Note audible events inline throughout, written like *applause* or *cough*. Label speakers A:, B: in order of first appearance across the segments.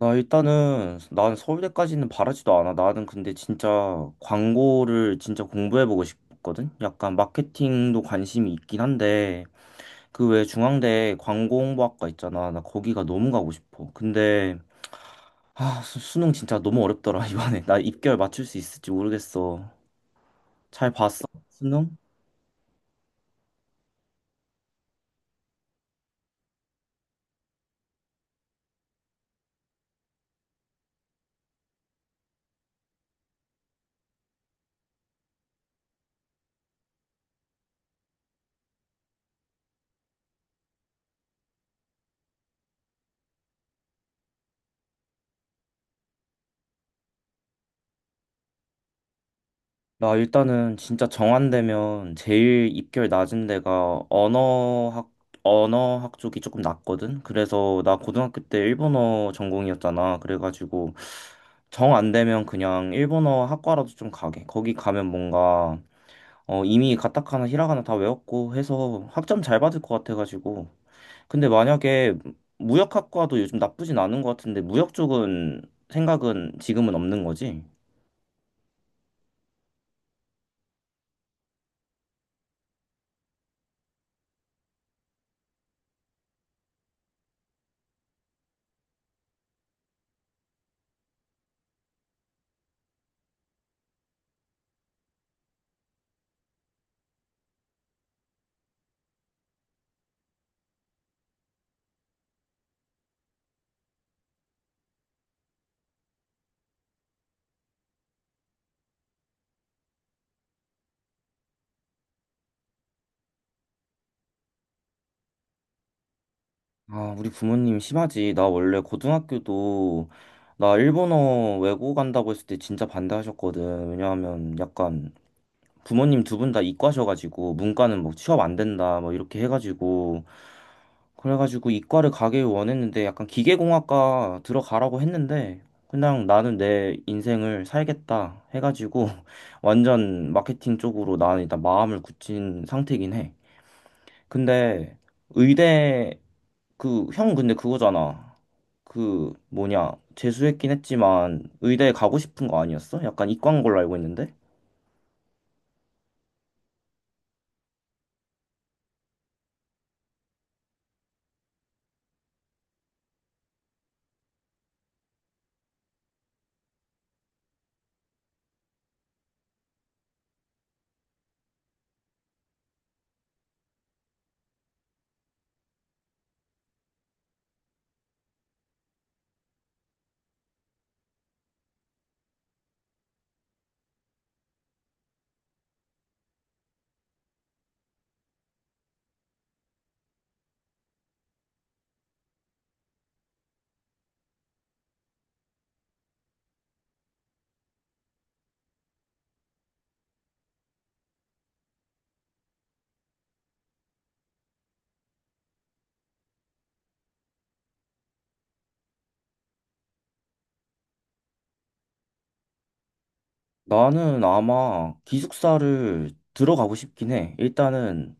A: 나 일단은 난 서울대까지는 바라지도 않아. 나는 근데 진짜 광고를 진짜 공부해보고 싶거든. 약간 마케팅도 관심이 있긴 한데 그 외에 중앙대 광고홍보학과 있잖아. 나 거기가 너무 가고 싶어. 근데 수능 진짜 너무 어렵더라 *laughs* 이번에. 나 입결 맞출 수 있을지 모르겠어. 잘 봤어? 수능? 나 일단은 진짜 정한되면 제일 입결 낮은 데가 언어학, 언어학 쪽이 조금 낮거든? 그래서 나 고등학교 때 일본어 전공이었잖아. 그래가지고 정 안 되면 그냥 일본어 학과라도 좀 가게. 거기 가면 뭔가 이미 가타카나 히라가나 다 외웠고 해서 학점 잘 받을 것 같아가지고. 근데 만약에 무역학과도 요즘 나쁘진 않은 것 같은데 무역 쪽은 생각은 지금은 없는 거지? 아, 우리 부모님 심하지. 나 원래 고등학교도 나 일본어 외고 간다고 했을 때 진짜 반대하셨거든. 왜냐하면 약간 부모님 두 분 다 이과셔가지고 문과는 뭐 취업 안 된다 뭐 이렇게 해가지고 그래가지고 이과를 가길 원했는데 약간 기계공학과 들어가라고 했는데 그냥 나는 내 인생을 살겠다 해가지고 *laughs* 완전 마케팅 쪽으로 나는 일단 마음을 굳힌 상태긴 해. 근데 의대 그, 형 근데 그거잖아. 그, 뭐냐. 재수했긴 했지만 의대에 가고 싶은 거 아니었어? 약간 이과인 걸로 알고 있는데? 나는 아마 기숙사를 들어가고 싶긴 해. 일단은,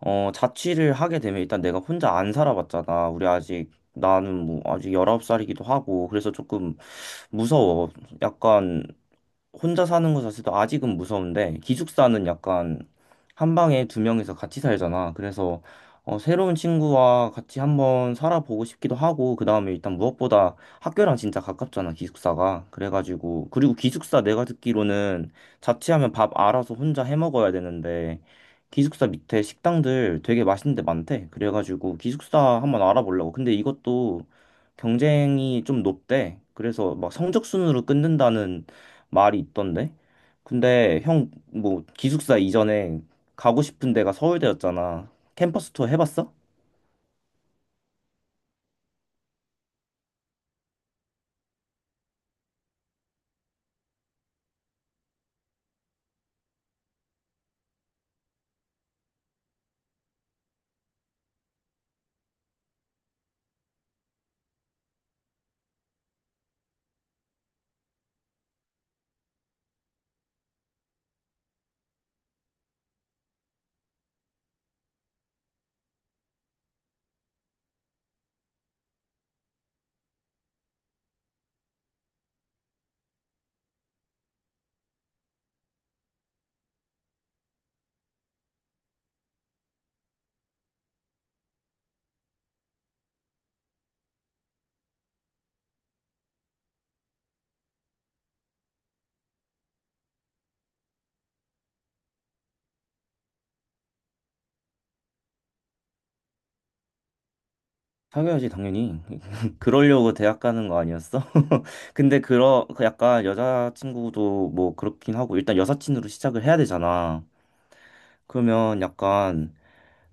A: 자취를 하게 되면 일단 내가 혼자 안 살아봤잖아. 우리 아직, 나는 뭐, 아직 19살이기도 하고. 그래서 조금 무서워. 약간 혼자 사는 거 자체도 아직은 무서운데 기숙사는 약간 한 방에 두 명이서 같이 살잖아. 그래서 새로운 친구와 같이 한번 살아보고 싶기도 하고 그다음에 일단 무엇보다 학교랑 진짜 가깝잖아, 기숙사가. 그래가지고 그리고 기숙사 내가 듣기로는 자취하면 밥 알아서 혼자 해 먹어야 되는데 기숙사 밑에 식당들 되게 맛있는 데 많대. 그래가지고 기숙사 한번 알아보려고. 근데 이것도 경쟁이 좀 높대. 그래서 막 성적 순으로 끊는다는 말이 있던데. 근데 형, 뭐, 기숙사 이전에 가고 싶은 데가 서울대였잖아. 캠퍼스 투어 해봤어? 사귀어야지, 당연히. *laughs* 그러려고 대학 가는 거 아니었어? *laughs* 근데 그 약간 여자친구도 뭐 그렇긴 하고, 일단 여사친으로 시작을 해야 되잖아. 그러면 약간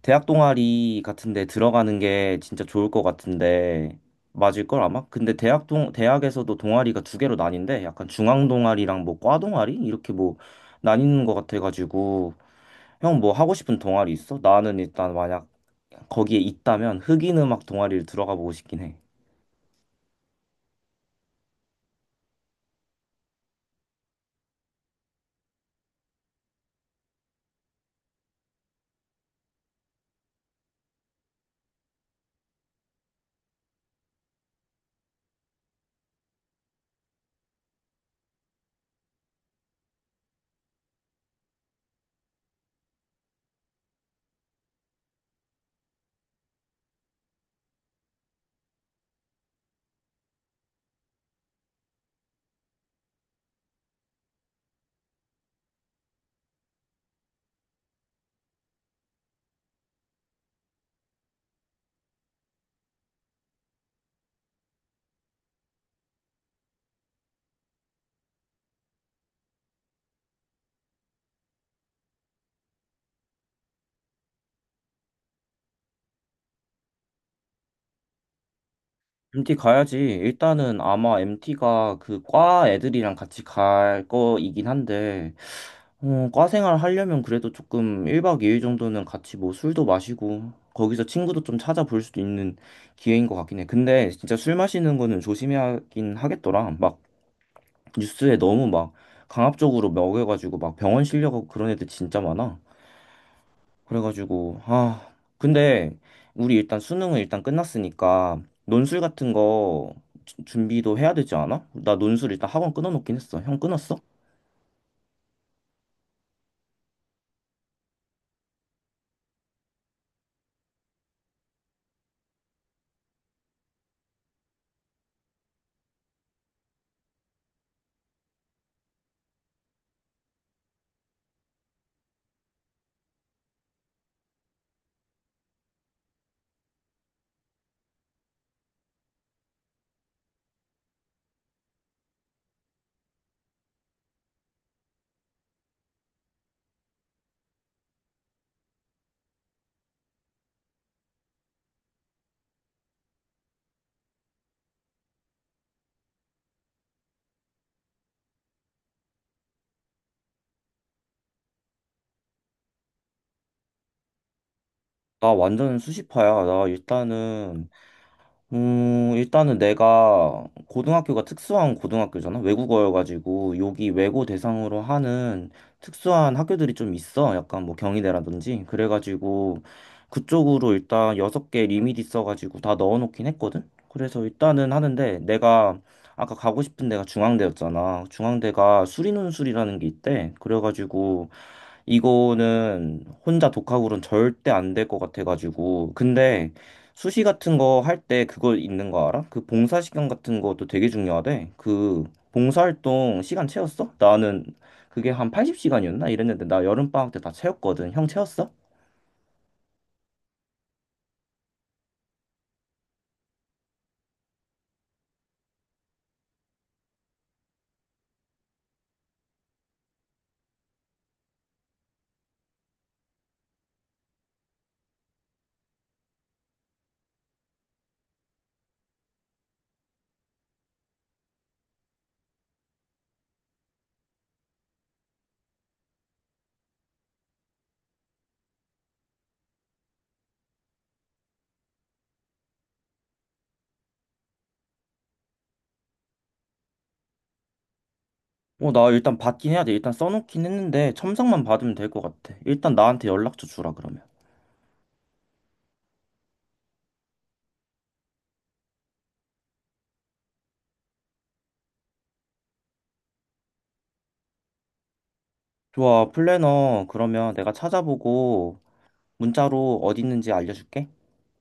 A: 대학 동아리 같은데 들어가는 게 진짜 좋을 것 같은데 맞을걸 아마? 근데 대학에서도 동아리가 두 개로 나뉜데 약간 중앙 동아리랑 뭐 과 동아리 이렇게 뭐 나뉘는 것 같아가지고 형 뭐 하고 싶은 동아리 있어? 나는 일단 만약 거기에 있다면 흑인 음악 동아리를 들어가 보고 싶긴 해. MT 가야지. 일단은 아마 MT가 그 과 애들이랑 같이 갈 거이긴 한데 과 생활 하려면 그래도 조금 1박 2일 정도는 같이 뭐 술도 마시고 거기서 친구도 좀 찾아볼 수도 있는 기회인 것 같긴 해. 근데 진짜 술 마시는 거는 조심해야긴 하겠더라. 막 뉴스에 너무 막 강압적으로 먹여가지고 막 병원 실려가고 그런 애들 진짜 많아. 그래가지고 아 근데 우리 일단 수능은 일단 끝났으니까 논술 같은 거 준비도 해야 되지 않아? 나 논술 일단 학원 끊어놓긴 했어. 형 끊었어? 나 완전 수시파야. 나 일단은 일단은 내가 고등학교가 특수한 고등학교잖아. 외국어여가지고 여기 외고 대상으로 하는 특수한 학교들이 좀 있어. 약간 뭐 경희대라든지. 그래가지고 그쪽으로 일단 여섯 개 리밋 있어가지고 다 넣어놓긴 했거든. 그래서 일단은 하는데 내가 아까 가고 싶은 데가 중앙대였잖아. 중앙대가 수리논술이라는 게 있대. 그래가지고 이거는 혼자 독학으로는 절대 안 될 것 같아가지고. 근데 수시 같은 거 할 때 그거 있는 거 알아? 그 봉사 시간 같은 것도 되게 중요하대. 그 봉사활동 시간 채웠어? 나는 그게 한 80시간이었나? 이랬는데 나 여름방학 때 다 채웠거든. 형 채웠어? 어, 나 일단 받긴 해야 돼. 일단 써놓긴 했는데 첨삭만 받으면 될 것 같아. 일단 나한테 연락처 주라 그러면. 좋아, 플래너 그러면 내가 찾아보고 문자로 어디 있는지 알려줄게.